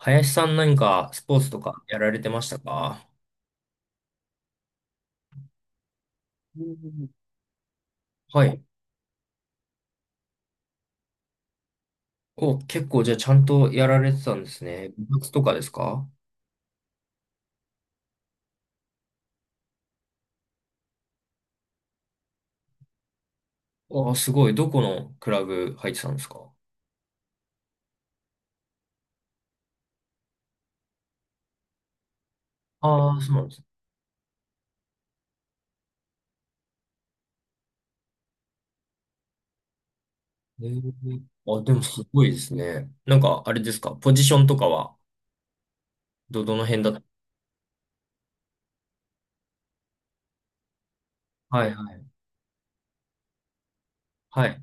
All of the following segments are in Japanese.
林さん何かスポーツとかやられてましたか？はい。お、結構じゃあちゃんとやられてたんですね。部活とかですか？あ、すごい。どこのクラブ入ってたんですか？ああー、そうなんです。えー、あ、でもすごいですね。なんか、あれですか、ポジションとかは、どの辺だった？はいはい。はい。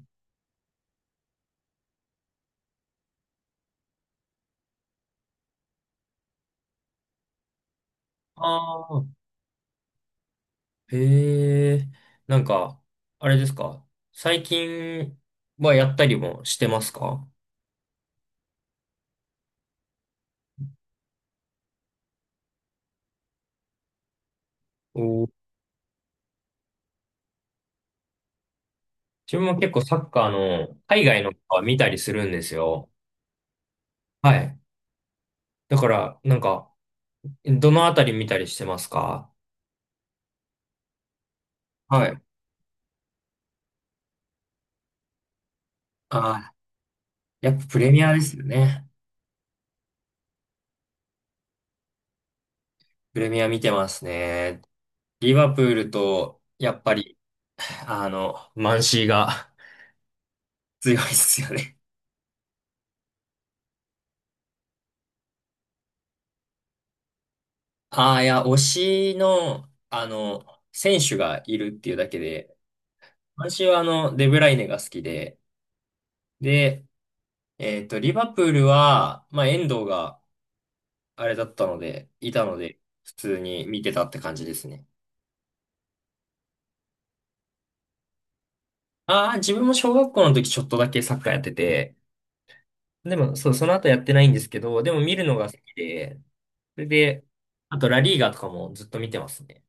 ああ、へえ。なんか、あれですか、最近はやったりもしてますか？お、自分も結構サッカーの海外のは見たりするんですよ。はい。だから、なんか、どのあたり見たりしてますか？はい。ああ、やっぱプレミアですよね。プレミア見てますね。リバプールと、やっぱり、あの、マンシーが 強いですよね。ああ、いや、推しの、あの、選手がいるっていうだけで、私はあの、デブライネが好きで、で、えっと、リバプールは、まあ、遠藤があれだったので、いたので、普通に見てたって感じですね。ああ、自分も小学校の時ちょっとだけサッカーやってて、でも、そう、その後やってないんですけど、でも見るのが好きで、それで、あとラリーガとかもずっと見てますね。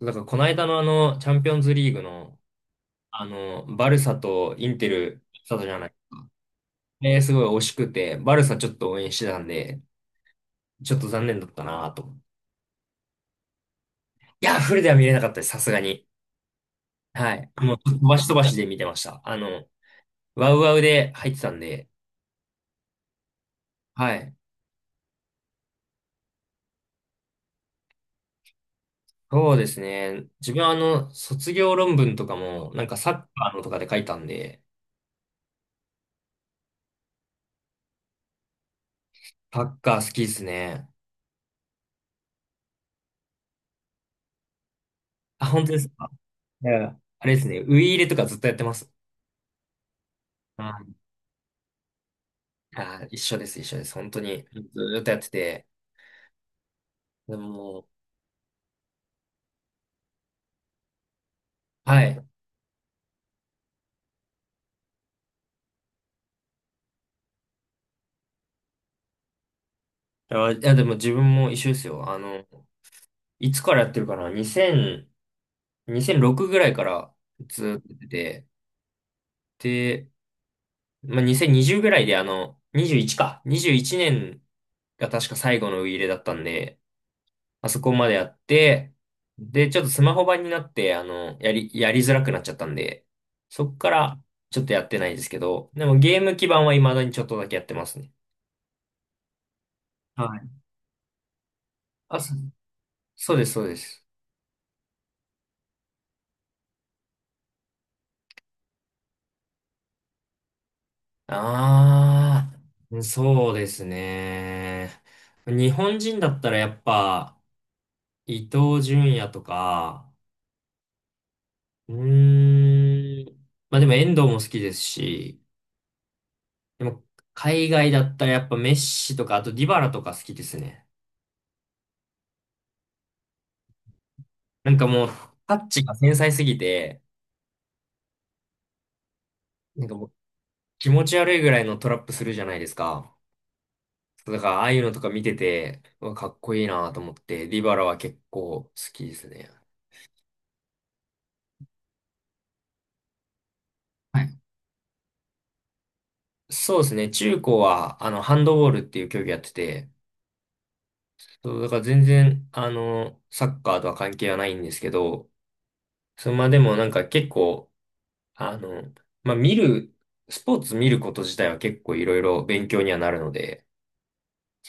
だからこの間のあの、チャンピオンズリーグの、あの、バルサとインテル、サとじゃない。えー、すごい惜しくて、バルサちょっと応援してたんで、ちょっと残念だったなぁと。いや、フルでは見れなかったです、さすがに。はい。もう、飛ばし飛ばしで見てました。あの、ワウワウで入ってたんで、はい。そうですね。自分はあの、卒業論文とかも、なんかサッカーのとかで書いたんで、サッカー好きですね。あ、本当ですか？いや、あれですね。ウイイレとかずっとやってます。はい。あ、一緒です、一緒です。本当に。ずーっとやってて。でも、はい。いや、いやでも自分も一緒ですよ。あの、いつからやってるかな？ 2000、2006ぐらいからずーっとやってて、まあ、2020ぐらいであの、21か。21年が確か最後のウイイレだったんで、まあそこまでやって、で、ちょっとスマホ版になって、あの、やりづらくなっちゃったんで、そっからちょっとやってないですけど、でもゲーム基盤は未だにちょっとだけやってますね。はい。あ、そ、そうです、そうです。ああ、そうですね。日本人だったらやっぱ、伊東純也とか、うーん。まあでも遠藤も好きですし、でも海外だったらやっぱメッシとか、あとディバラとか好きですね。なんかもうタッチが繊細すぎて、なんかもう気持ち悪いぐらいのトラップするじゃないですか。だからああいうのとか見てて、うわかっこいいなと思って、ディバラは結構好きですね。はい、そうですね。中高は、あの、ハンドボールっていう競技やってて、そう、だから全然、あの、サッカーとは関係はないんですけど、そのまあでもなんか結構、あの、まあ、見る、スポーツ見ること自体は結構いろいろ勉強にはなるので、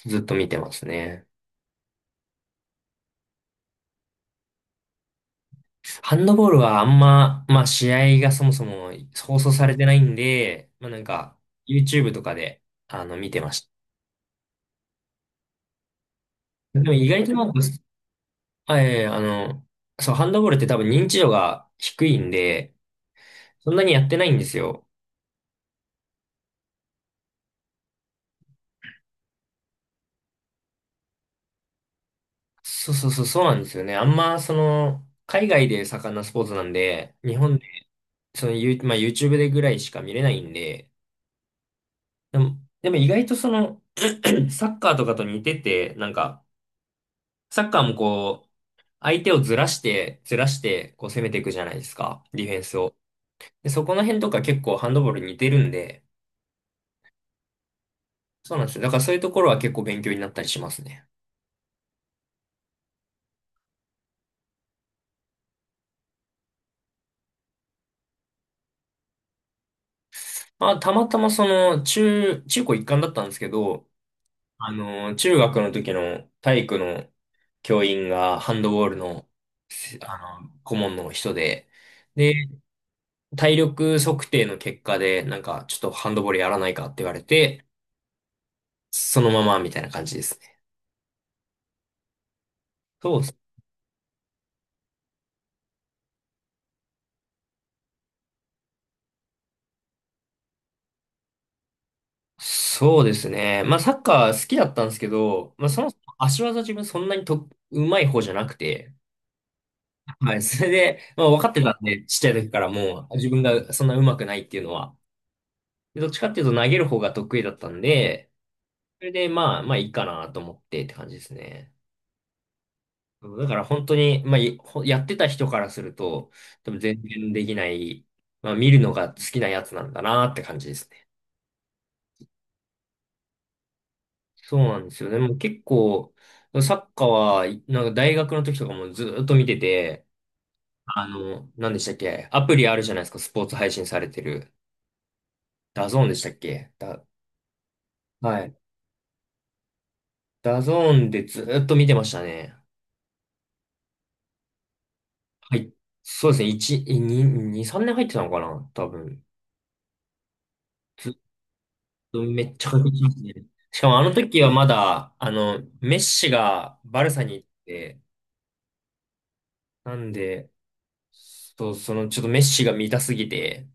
ずっと見てますね。ハンドボールはあんま、まあ、試合がそもそも放送されてないんで、まあ、なんか、YouTube とかで、あの、見てました。でも意外となんか、あええあの、そう、ハンドボールって多分認知度が低いんで、そんなにやってないんですよ。そうそうそう、そうなんですよね。あんま、その、海外で盛んなスポーツなんで、日本で、その、ユーまあ、YouTube でぐらいしか見れないんで、でも、でも意外とその、サッカーとかと似てて、なんか、サッカーもこう、相手をずらして、ずらして、こう攻めていくじゃないですか、ディフェンスを。で、そこの辺とか結構ハンドボールに似てるんで、そうなんですよ。だからそういうところは結構勉強になったりしますね。まあ、たまたまその、中、中高一貫だったんですけど、あの、中学の時の体育の教員がハンドボールの、せあの、顧問の人で、体力測定の結果で、なんか、ちょっとハンドボールやらないかって言われて、そのままみたいな感じですね。そう、そうですね。まあ、サッカー好きだったんですけど、まあ、そもそも足技自分そんなにと、うまい方じゃなくて、はい、それで、まあ、分かってたんで、ちっちゃい時からもう、自分がそんなうまくないっていうのは。でどっちかっていうと投げる方が得意だったんで、それで、まあ、まあいいかなと思ってって感じですね。だから本当に、まあ、いほやってた人からすると、多分全然できない、まあ、見るのが好きなやつなんだなって感じですね。そうなんですよね。もう結構、サッカーは、なんか大学の時とかもずーっと見てて、あの、何でしたっけ、アプリあるじゃないですか、スポーツ配信されてる。ダゾーンでしたっけだ、はい。ダゾーンでずーっと見てましたね。はい。そうですね。1、2、2、3年入ってたのかな多分。ずめっちゃ感激しますね。しかもあの時はまだ、あの、メッシがバルサに行って、なんで、そう、そのちょっとメッシが見たすぎて、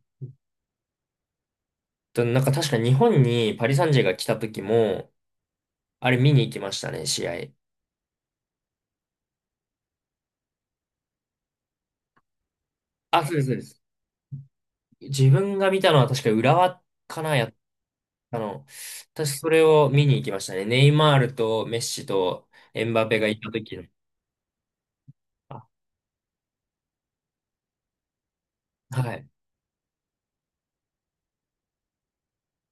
となんか確か日本にパリ・サンジェが来た時も、あれ見に行きましたね、試合。あ、そうです、そうです。自分が見たのは確か浦和かな、やったの。私それを見に行きましたね。ネイマールとメッシとエンバペがいた時の。あ、はい。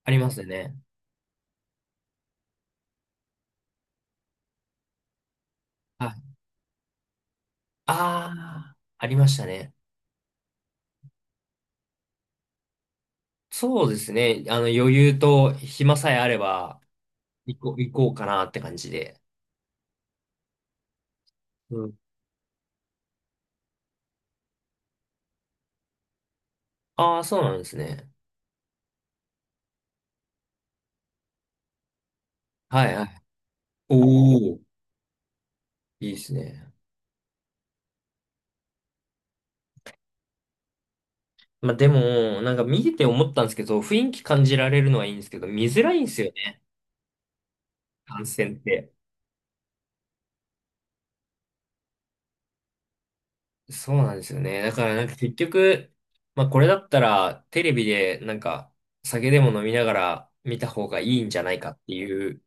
ありますよね。はい。ああ、ありましたね。そうですね。あの、余裕と暇さえあれば、行こう、行こうかなって感じで。うん。ああ、そうなんですね。はいはい。おお、いいですね。まあでも、なんか見てて思ったんですけど、雰囲気感じられるのはいいんですけど、見づらいんですよね、感染って。そうなんですよね。だからなんか結局、まあこれだったら、テレビでなんか、酒でも飲みながら見た方がいいんじゃないかっていう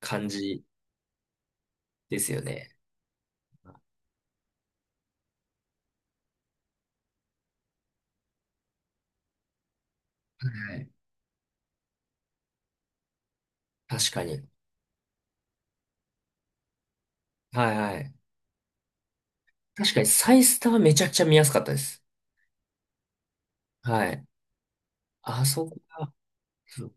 感じですよね。はい。確かに。はいはい。確かにサイスタはめちゃくちゃ見やすかったです。はい。あそこが、そう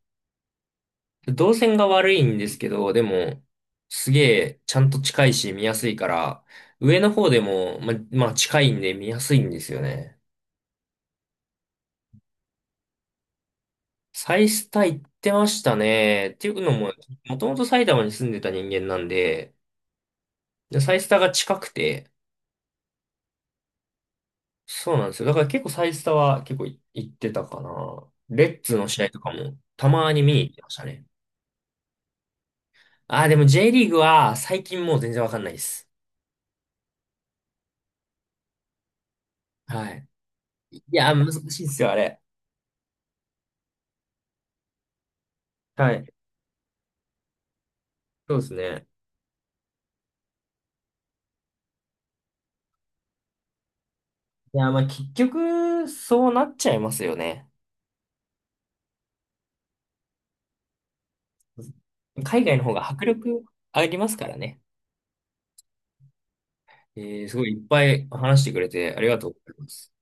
動線が悪いんですけど、でも、すげえちゃんと近いし見やすいから、上の方でも、ま、まあ近いんで見やすいんですよね。サイスタ行ってましたね。っていうのも、もともと埼玉に住んでた人間なんで、でサイスタが近くて、そうなんですよ。だから結構サイスタは結構い行ってたかな。レッズの試合とかもたまに見に行ってましたね。ああ、でも J リーグは最近もう全然わかんないです。はい。いや、難しいですよ、あれ。はい。そうですね。いや、まあ結局、そうなっちゃいますよね。海外の方が迫力ありますからね。えー、すごいいっぱい話してくれてありがとうございます。